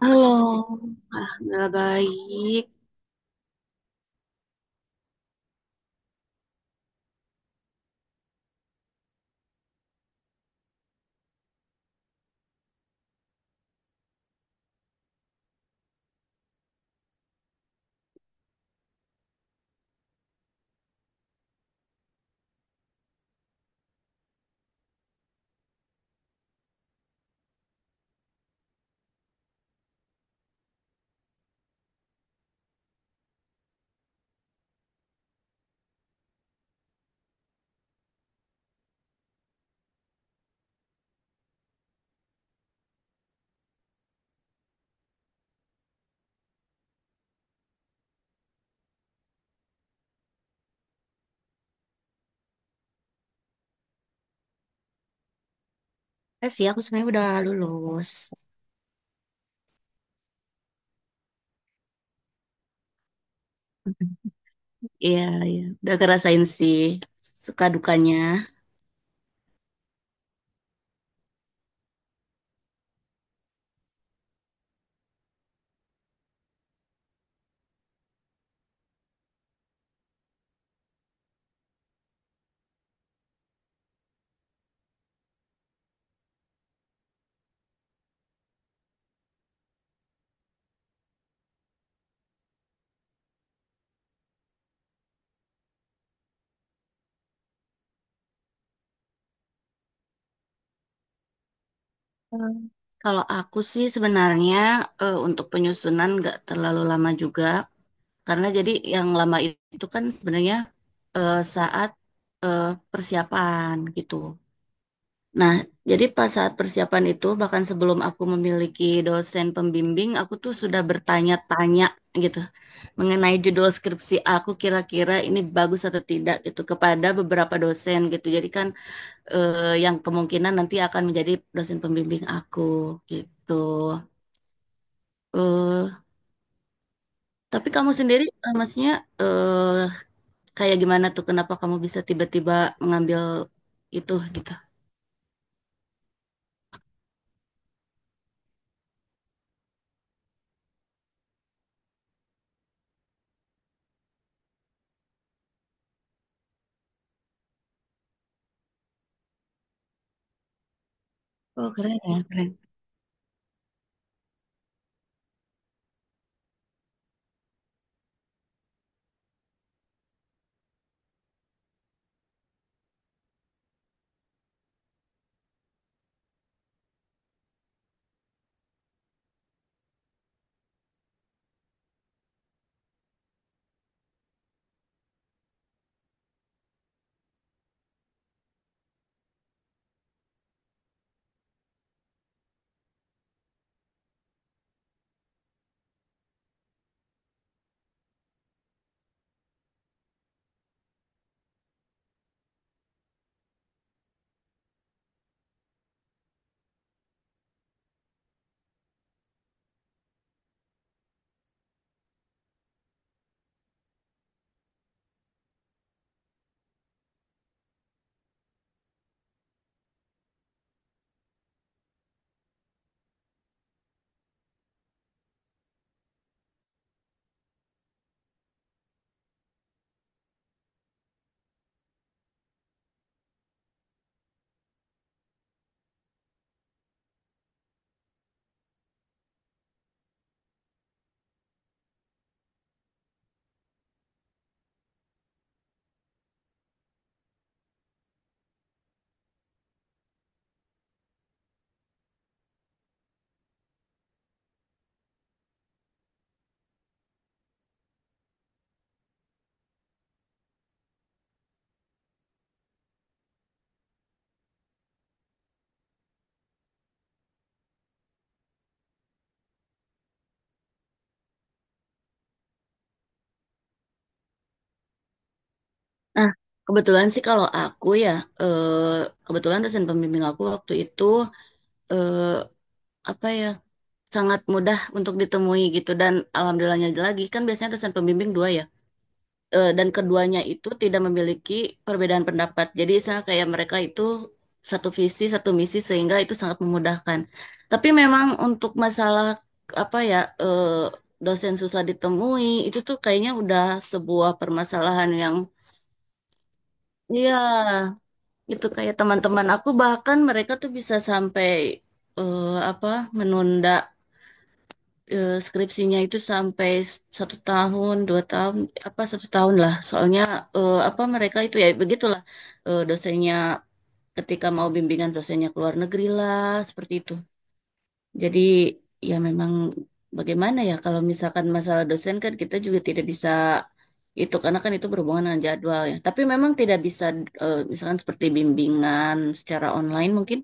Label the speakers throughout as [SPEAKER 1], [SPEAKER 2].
[SPEAKER 1] Halo, alhamdulillah baik. Sih, aku sebenarnya udah lulus. Iya, iya. Udah ngerasain sih suka dukanya. Hmm. Kalau aku sih sebenarnya untuk penyusunan nggak terlalu lama juga. Karena jadi yang lama itu kan sebenarnya saat eh, persiapan gitu. Nah, jadi pas saat persiapan itu, bahkan sebelum aku memiliki dosen pembimbing, aku tuh sudah bertanya-tanya gitu mengenai judul skripsi aku kira-kira ini bagus atau tidak gitu kepada beberapa dosen gitu. Jadi kan yang kemungkinan nanti akan menjadi dosen pembimbing aku gitu. eh tapi kamu sendiri, maksudnya eh kayak gimana tuh, kenapa kamu bisa tiba-tiba mengambil itu gitu? Oh, keren ya, keren. Nah, kebetulan sih kalau aku ya, eh kebetulan dosen pembimbing aku waktu itu eh apa ya, sangat mudah untuk ditemui gitu, dan alhamdulillahnya lagi kan biasanya dosen pembimbing dua ya. Dan keduanya itu tidak memiliki perbedaan pendapat, jadi misalnya kayak mereka itu satu visi satu misi sehingga itu sangat memudahkan. Tapi memang untuk masalah apa ya, eh, dosen susah ditemui itu tuh kayaknya udah sebuah permasalahan yang, iya, itu kayak teman-teman aku bahkan mereka tuh bisa sampai eh, apa, menunda skripsinya itu sampai satu tahun, dua tahun, apa satu tahun lah. Soalnya apa, mereka itu ya begitulah, dosennya ketika mau bimbingan dosennya keluar negeri lah, seperti itu. Jadi ya memang bagaimana ya, kalau misalkan masalah dosen kan kita juga tidak bisa itu, karena kan itu berhubungan dengan jadwal ya. Tapi memang tidak bisa, misalkan seperti bimbingan secara online mungkin.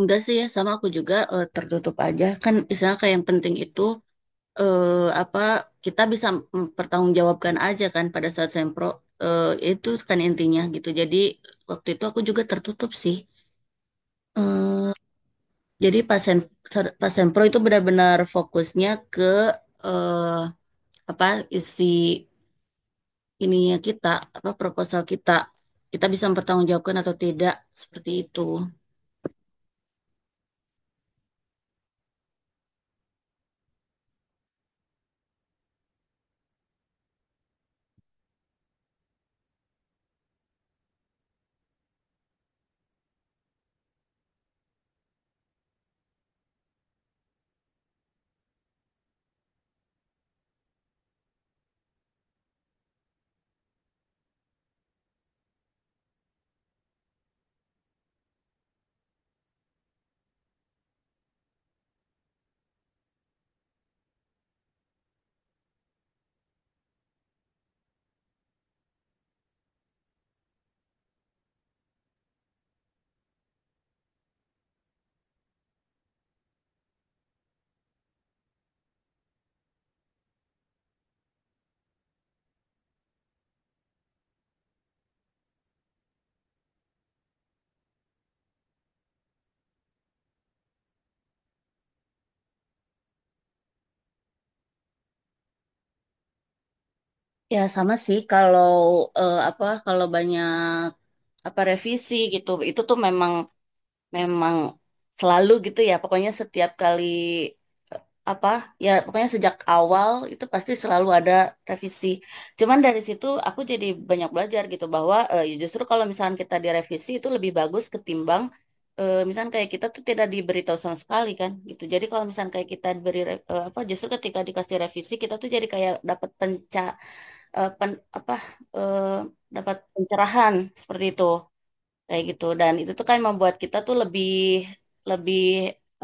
[SPEAKER 1] Enggak sih ya, sama aku juga tertutup aja. Kan misalnya kayak yang penting itu, apa, kita bisa mempertanggungjawabkan aja kan pada saat sempro, itu kan intinya gitu. Jadi waktu itu aku juga tertutup sih. Eh, jadi pas pas sempro itu benar-benar fokusnya ke, eh, apa, isi ininya kita, apa proposal kita kita bisa mempertanggungjawabkan atau tidak, seperti itu. Ya sama sih kalau apa, kalau banyak apa revisi gitu, itu tuh memang memang selalu gitu ya, pokoknya setiap kali apa ya, pokoknya sejak awal itu pasti selalu ada revisi, cuman dari situ aku jadi banyak belajar gitu bahwa ya justru kalau misalkan kita direvisi itu lebih bagus ketimbang, misalkan kayak kita tuh tidak diberitahu sama sekali kan gitu. Jadi kalau misalkan kayak kita apa, justru ketika dikasih revisi kita tuh jadi kayak dapat apa, eh, dapat pencerahan seperti itu, kayak gitu, dan itu tuh kan membuat kita tuh lebih lebih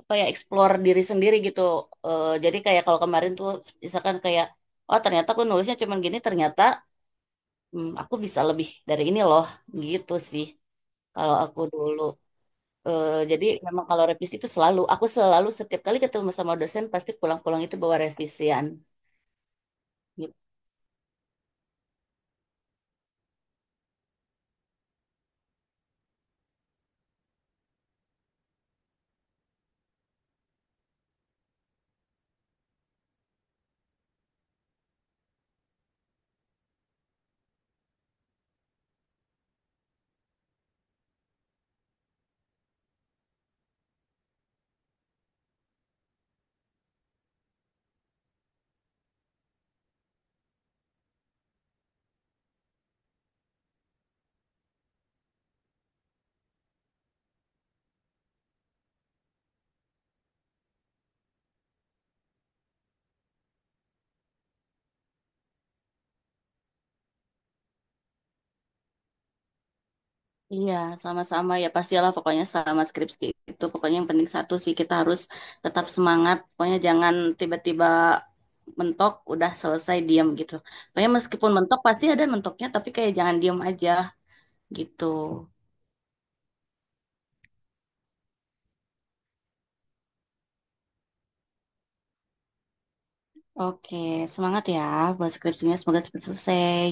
[SPEAKER 1] apa ya, explore diri sendiri gitu. Jadi kayak kalau kemarin tuh misalkan kayak, oh ternyata aku nulisnya cuman gini, ternyata aku bisa lebih dari ini loh, gitu sih kalau aku dulu. Jadi memang kalau revisi itu selalu, aku selalu setiap kali ketemu sama dosen pasti pulang-pulang itu bawa revisian. Iya, sama-sama ya, pastilah pokoknya, sama skripsi itu pokoknya yang penting satu sih, kita harus tetap semangat. Pokoknya jangan tiba-tiba mentok udah selesai diam gitu. Pokoknya meskipun mentok pasti ada mentoknya, tapi kayak jangan diam aja gitu. Oke, semangat ya buat skripsinya, semoga cepat selesai.